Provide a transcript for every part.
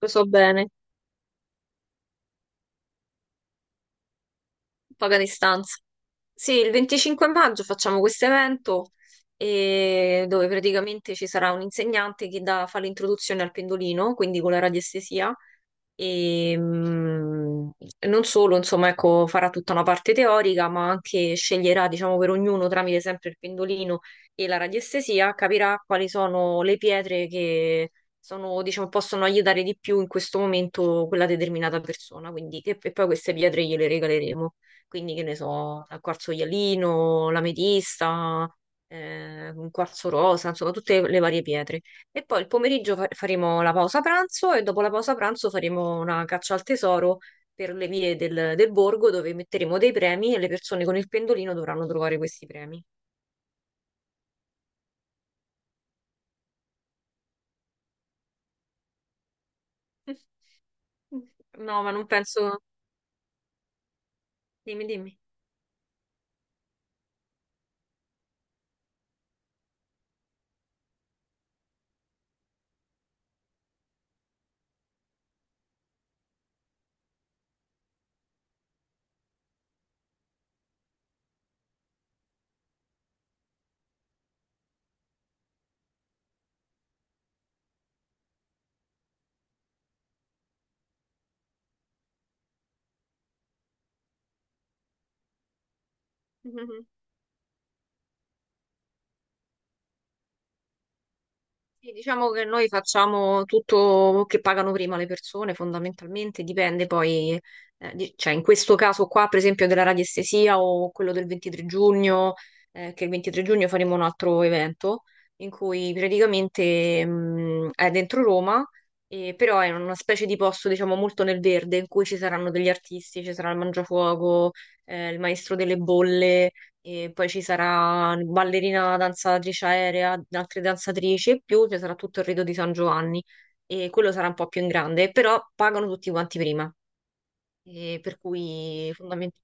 Lo so bene, paga distanza. Sì, il 25 maggio facciamo questo evento dove praticamente ci sarà un insegnante che fa l'introduzione al pendolino, quindi con la radiestesia. E mh, Non solo, insomma, ecco, farà tutta una parte teorica, ma anche sceglierà, diciamo, per ognuno tramite sempre il pendolino e la radiestesia, capirà quali sono le pietre che sono, diciamo, possono aiutare di più in questo momento quella determinata persona. Quindi, e poi queste pietre gliele regaleremo. Quindi, che ne so, il quarzo ialino, l'ametista, un quarzo rosa, insomma, tutte le varie pietre. E poi il pomeriggio faremo la pausa pranzo e dopo la pausa pranzo faremo una caccia al tesoro per le vie del borgo dove metteremo dei premi e le persone con il pendolino dovranno trovare questi premi. No, ma non penso. Dimmi, dimmi. Sì, diciamo che noi facciamo tutto che pagano prima le persone, fondamentalmente dipende poi, cioè in questo caso qua per esempio della radiestesia o quello del 23 giugno. Che il 23 giugno faremo un altro evento in cui praticamente è dentro Roma, e però è una specie di posto diciamo molto nel verde in cui ci saranno degli artisti, ci sarà il Mangiafuoco, il Maestro delle Bolle, e poi ci sarà ballerina, danzatrice aerea, altre danzatrici e più, ci sarà tutto il rito di San Giovanni. E quello sarà un po' più in grande, però pagano tutti quanti prima. E per cui fondamentalmente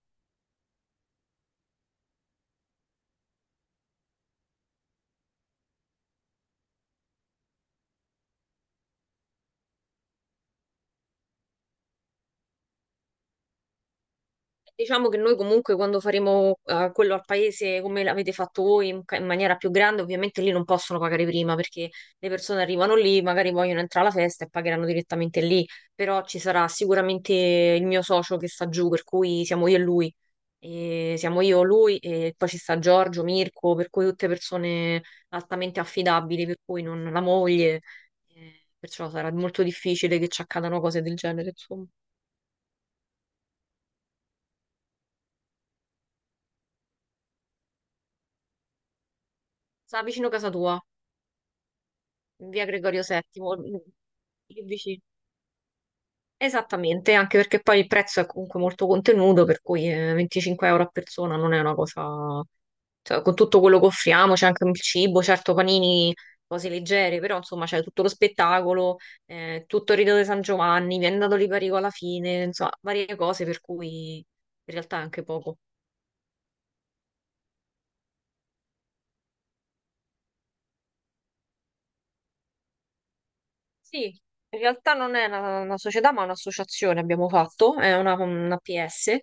diciamo che noi comunque quando faremo quello al paese come l'avete fatto voi in, in maniera più grande, ovviamente lì non possono pagare prima perché le persone arrivano lì, magari vogliono entrare alla festa e pagheranno direttamente lì, però ci sarà sicuramente il mio socio che sta giù, per cui siamo io e lui. E siamo io, lui e poi ci sta Giorgio, Mirko, per cui tutte persone altamente affidabili, per cui non la moglie, perciò sarà molto difficile che ci accadano cose del genere, insomma. Sta vicino casa tua, in via Gregorio VII, lì vicino. Esattamente, anche perché poi il prezzo è comunque molto contenuto, per cui 25 euro a persona non è una cosa. Cioè, con tutto quello che offriamo, c'è anche il cibo, certo panini, cose leggere, però insomma c'è tutto lo spettacolo, tutto il Rito di San Giovanni, viene dato l'Iparico alla fine, insomma, varie cose per cui in realtà è anche poco. Sì, in realtà non è una società, ma un'associazione abbiamo fatto, è una PS,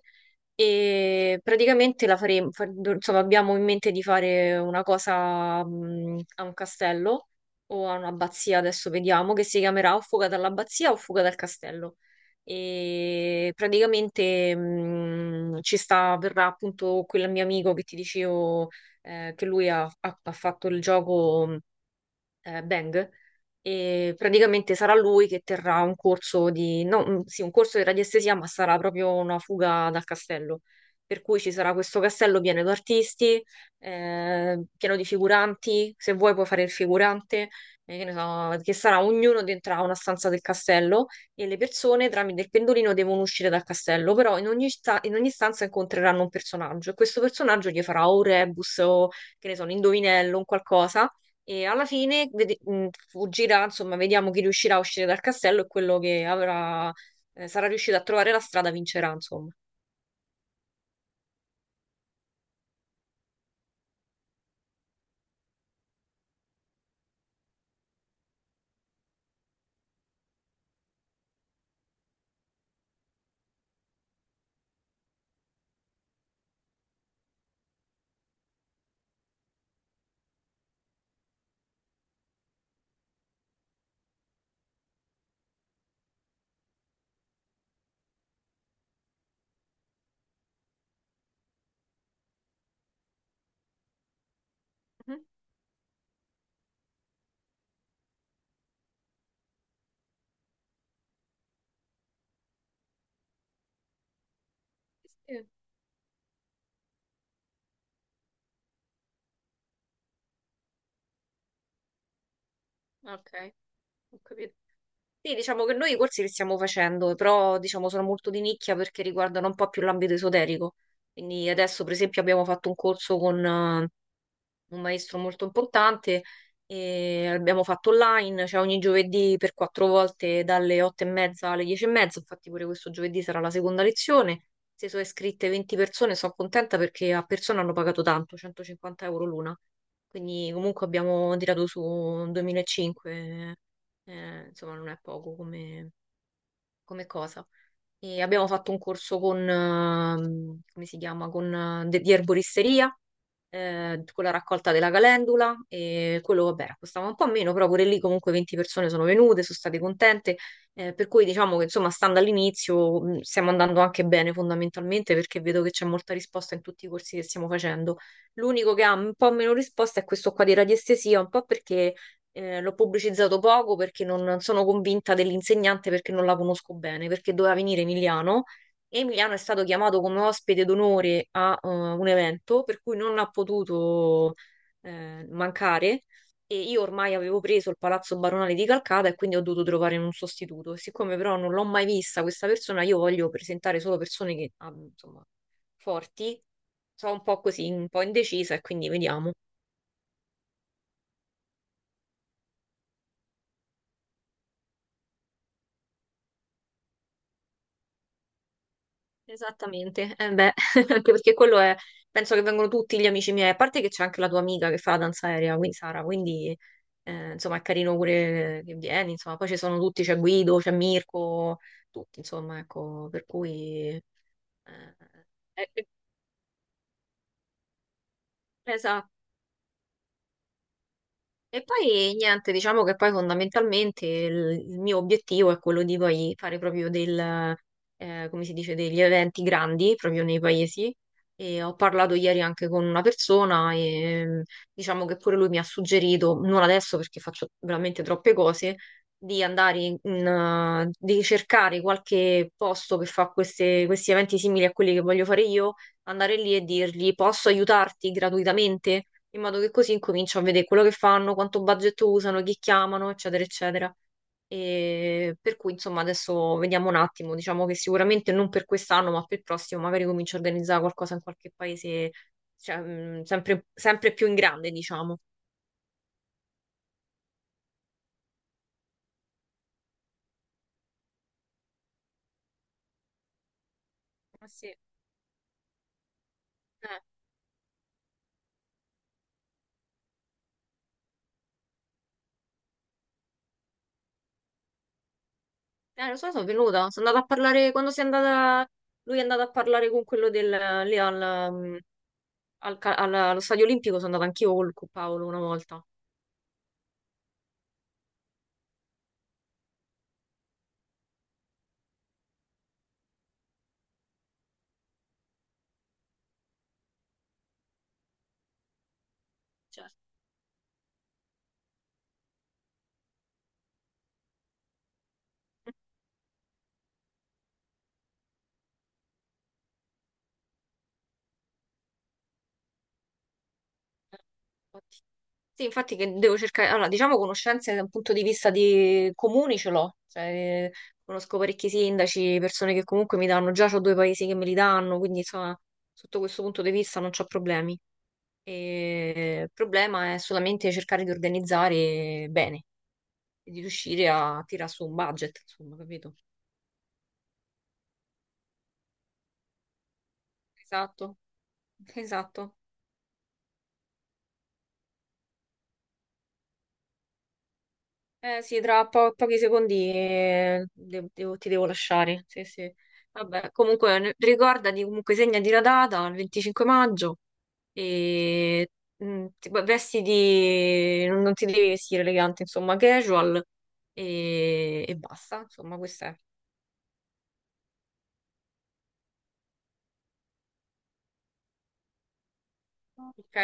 e praticamente la faremo, insomma, abbiamo in mente di fare una cosa a un castello o a un'abbazia, adesso vediamo, che si chiamerà o Fuga dall'abbazia o Fuga dal castello. E praticamente ci sta, verrà appunto quel mio amico che ti dicevo che lui ha fatto il gioco, Bang. E praticamente sarà lui che terrà un corso di, no, sì, un corso di radiestesia, ma sarà proprio una fuga dal castello. Per cui ci sarà questo castello pieno di artisti, pieno di figuranti, se vuoi puoi fare il figurante, che ne so, che sarà ognuno dentro a una stanza del castello, e le persone tramite il pendolino devono uscire dal castello, però in ogni, in ogni stanza incontreranno un personaggio e questo personaggio gli farà o un rebus o che ne so, un indovinello, un qualcosa, e alla fine fuggirà, insomma, vediamo chi riuscirà a uscire dal castello, e quello che avrà, sarà riuscito a trovare la strada vincerà, insomma. Mhm. Sì, ok, ho capito. Sì, diciamo che noi i corsi li stiamo facendo, però diciamo sono molto di nicchia perché riguardano un po' più l'ambito esoterico. Quindi adesso, per esempio, abbiamo fatto un corso con eh, un maestro molto importante, e abbiamo fatto online, cioè ogni giovedì per quattro volte dalle 8:30 alle 10:30, infatti pure questo giovedì sarà la seconda lezione. Se sono iscritte 20 persone, sono contenta perché a persona hanno pagato tanto, 150 euro l'una. Quindi comunque abbiamo tirato su 2005. Insomma non è poco come, come cosa. E abbiamo fatto un corso con, come si chiama, con, di erboristeria, con la raccolta della calendula, e quello, vabbè, costava un po' meno, però pure lì comunque 20 persone sono venute, sono state contente, per cui diciamo che insomma, stando all'inizio, stiamo andando anche bene fondamentalmente perché vedo che c'è molta risposta in tutti i corsi che stiamo facendo. L'unico che ha un po' meno risposta è questo qua di radiestesia, un po' perché l'ho pubblicizzato poco, perché non sono convinta dell'insegnante, perché non la conosco bene, perché doveva venire Emiliano. Emiliano è stato chiamato come ospite d'onore a un evento per cui non ha potuto mancare, e io ormai avevo preso il Palazzo Baronale di Calcata e quindi ho dovuto trovare un sostituto. E siccome però non l'ho mai vista questa persona, io voglio presentare solo persone che, insomma, forti. Sono un po' così, un po' indecisa e quindi vediamo. Esattamente, eh beh, anche perché quello è, penso che vengono tutti gli amici miei, a parte che c'è anche la tua amica che fa la danza aerea, quindi Sara. Quindi insomma, è carino pure che vieni, insomma, poi ci sono tutti, c'è Guido, c'è Mirko, tutti, insomma, ecco, per cui. eh, eh, esatto. E poi niente, diciamo che poi fondamentalmente il mio obiettivo è quello di poi fare proprio del, come si dice, degli eventi grandi proprio nei paesi. E ho parlato ieri anche con una persona e diciamo che pure lui mi ha suggerito, non adesso perché faccio veramente troppe cose, di andare di cercare qualche posto che fa questi eventi simili a quelli che voglio fare io, andare lì e dirgli posso aiutarti gratuitamente? In modo che così incomincio a vedere quello che fanno, quanto budget usano, chi chiamano, eccetera, eccetera. E per cui, insomma, adesso vediamo un attimo. Diciamo che sicuramente non per quest'anno, ma per il prossimo, magari comincio a organizzare qualcosa in qualche paese, cioè, sempre, sempre più in grande, diciamo. Ah, sì. Eh, lo so, sono venuta. Sono andata a parlare quando sei andata. Lui è andato a parlare con quello del lì al, mm, al ca- alla- allo stadio olimpico. Sono andata anch'io con Paolo una volta. Certo. Infatti. Sì, infatti che devo cercare, allora diciamo conoscenze da un punto di vista di comuni ce l'ho, cioè conosco parecchi sindaci, persone che comunque mi danno, già ho due paesi che me li danno, quindi insomma sotto questo punto di vista non ho problemi. E il problema è solamente cercare di organizzare bene e di riuscire a tirar su un budget, insomma, capito? Esatto, esatto. Eh sì, tra pochi secondi ti devo lasciare. Sì, sì. Vabbè, comunque ricordati, comunque segnati la data, il 25 maggio, e vestiti, non ti devi vestire elegante, insomma, casual, e basta, insomma, questo è. Ok?